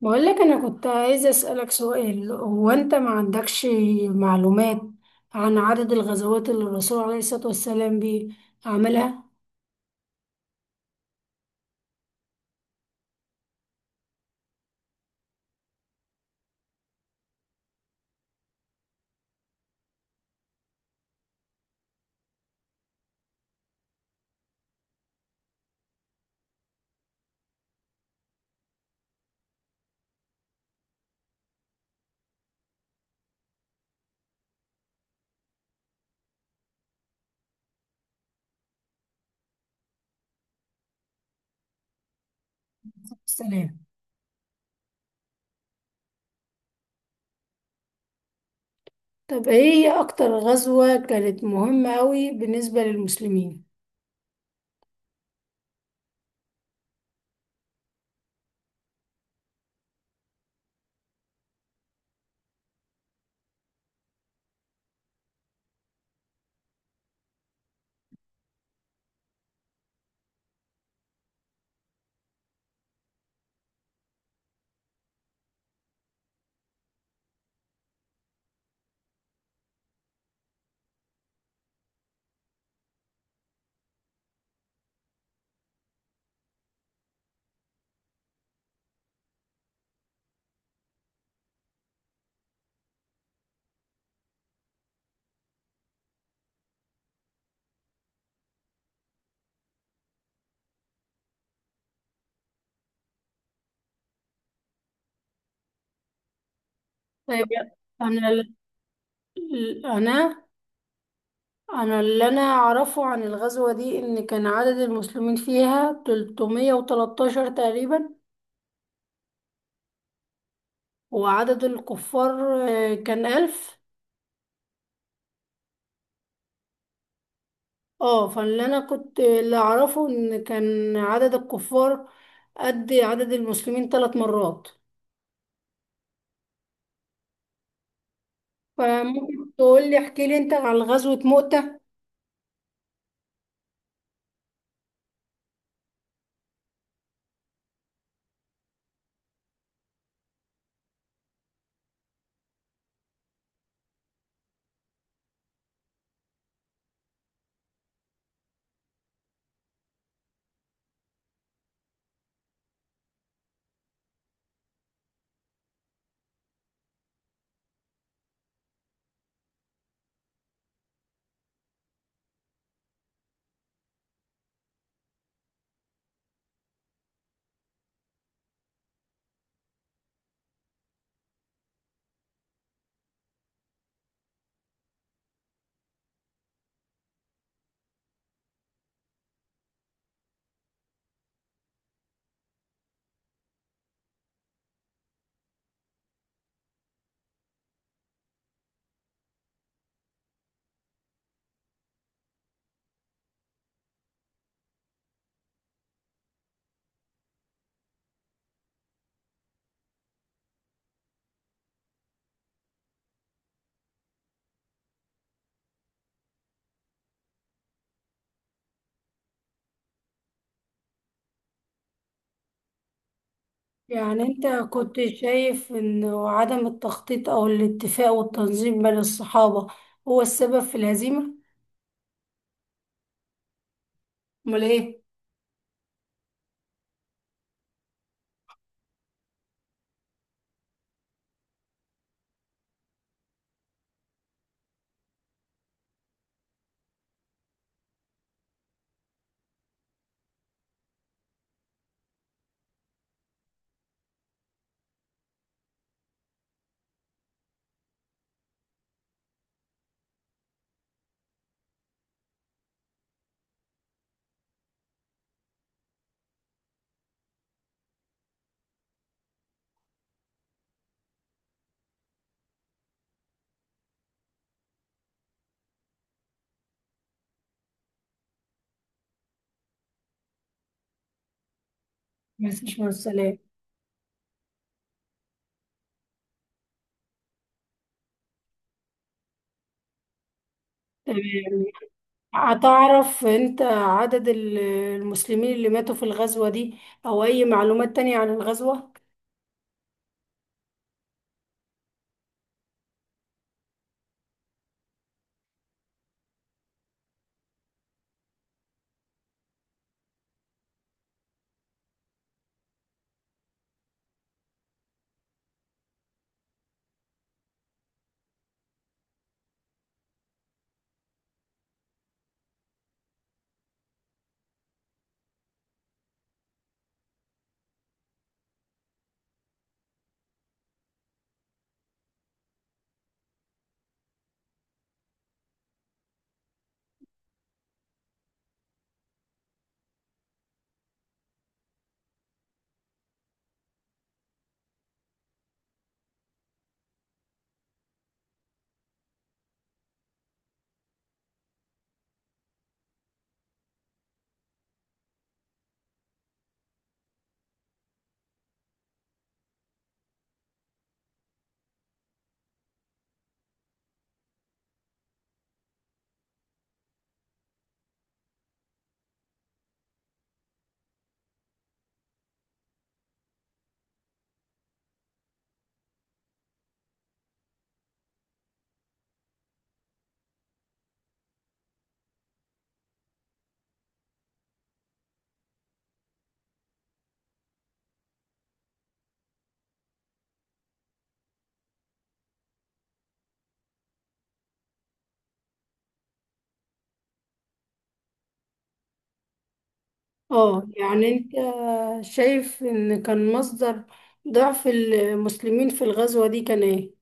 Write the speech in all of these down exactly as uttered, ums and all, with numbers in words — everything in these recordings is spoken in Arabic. بقول لك انا كنت عايزه اسالك سؤال. هو انت ما عندكش معلومات عن عدد الغزوات اللي الرسول عليه الصلاه والسلام بي- عملها السلام. طب ايه هي اكتر غزوه كانت مهمه قوي بالنسبه للمسلمين؟ طيب، انا ال- انا انا اللي انا اعرفه عن الغزوه دي ان كان عدد المسلمين فيها ثلاثمية وتلتاشر تقريبا، وعدد الكفار آه، كان ألف. اه، فاللي انا كنت اللي اعرفه ان كان عدد الكفار قد عدد المسلمين ثلاث مرات. فممكن تقول لي، احكي لي انت عن غزوة مؤتة. يعني انت كنت شايف ان عدم التخطيط او الاتفاق والتنظيم بين الصحابة هو السبب في الهزيمة؟ امال ايه؟ مفيش من السلام. تمام. هتعرف انت عدد ال- المسلمين اللي ماتوا في الغزوة دي او اي معلومات تانية عن الغزوة؟ اه، يعني انت شايف ان كان مصدر ضعف المسلمين في الغزوة دي كان ايه؟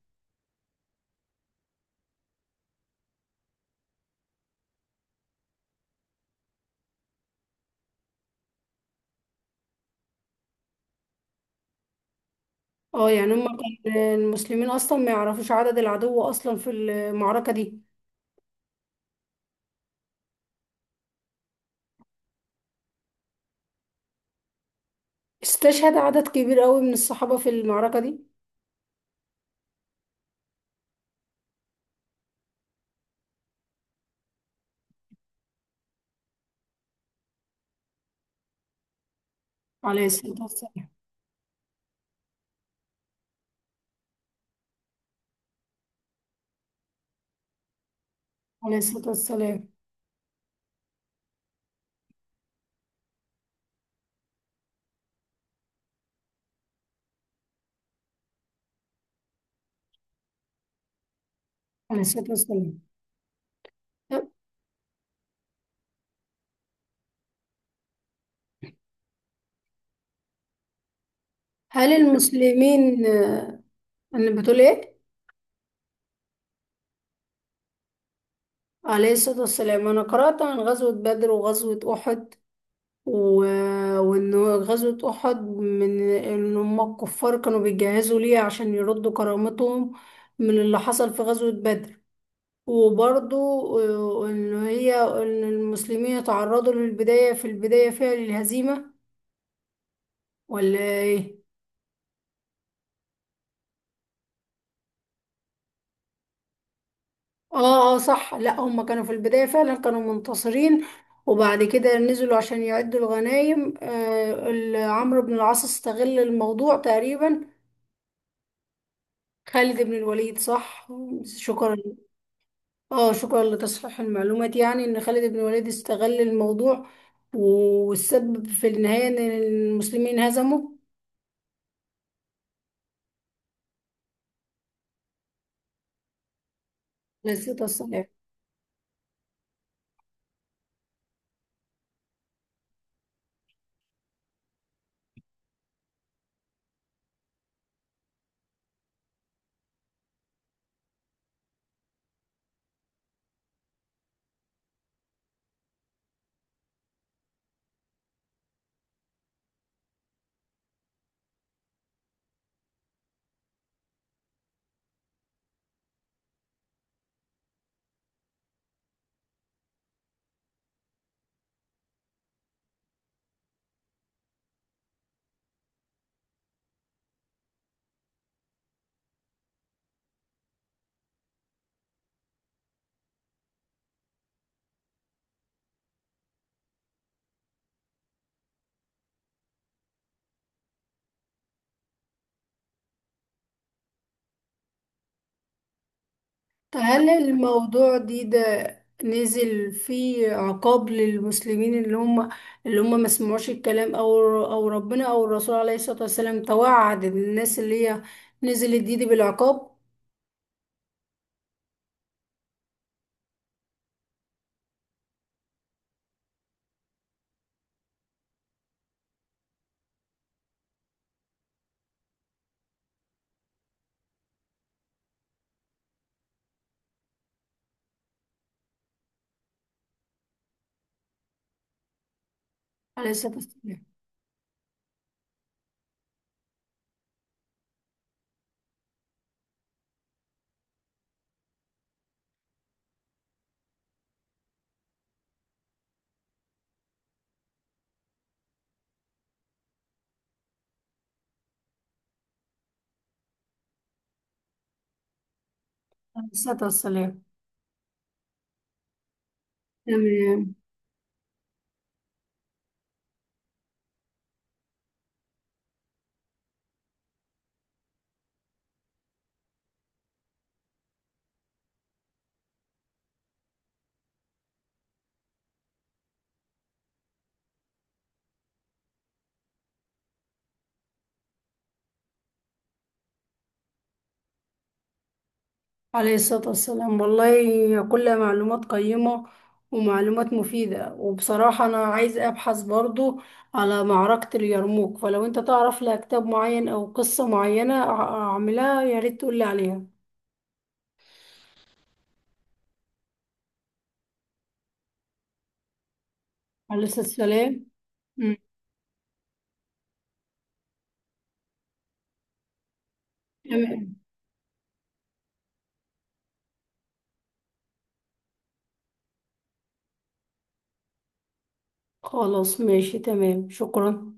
اه، يعني هم كان المسلمين اصلا ما يعرفوش عدد العدو اصلا في المعركة دي. استشهد عدد كبير قوي من الصحابة في المعركة دي. عليه الصلاة والسلام. عليه الصلاة والسلام. عليه الصلاة والسلام. طب هل المسلمين آه، انا بتقول ايه؟ عليه الصلاة والسلام. انا قرأت عن غزوة بدر وغزوة احد، و... وان غزوة احد من ان هم الكفار كانوا بيجهزوا ليه عشان يردوا كرامتهم من اللي حصل في غزوة بدر. وبرضو آه، ان هي ان المسلمين اتعرضوا للبداية في البداية فيها للهزيمة، ولا ايه؟ اه، اه، صح. لا هم كانوا في البداية فعلا كانوا منتصرين، وبعد كده نزلوا عشان يعدوا الغنايم. آه ال- عمرو بن العاص استغل الموضوع تقريبا. خالد بن الوليد، صح. شكرا. اه، شكرا لتصحيح المعلومات. يعني ان خالد بن الوليد استغل الموضوع، و- والسبب في النهاية ان المسلمين هزموا. لذة الصلاة. طب هل الموضوع دي ده نزل فيه عقاب للمسلمين اللي هم اللي هم ما سمعوش الكلام، او او ربنا او الرسول عليه الصلاة والسلام توعد الناس اللي هي نزلت دي, دي بالعقاب؟ عليه الصلاة والسلام. عليه الصلاة والسلام. تمام. عليه الصلاة والسلام. والله كلها معلومات قيمة ومعلومات مفيدة، وبصراحة أنا عايزة أبحث برضو على معركة اليرموك، فلو أنت تعرف لها كتاب معين أو قصة معينة أع- أعملها يا ريت تقولي عليها. عليه الصلاة والسلام. أمم، تمام. خلاص ماشي تمام، شكرا.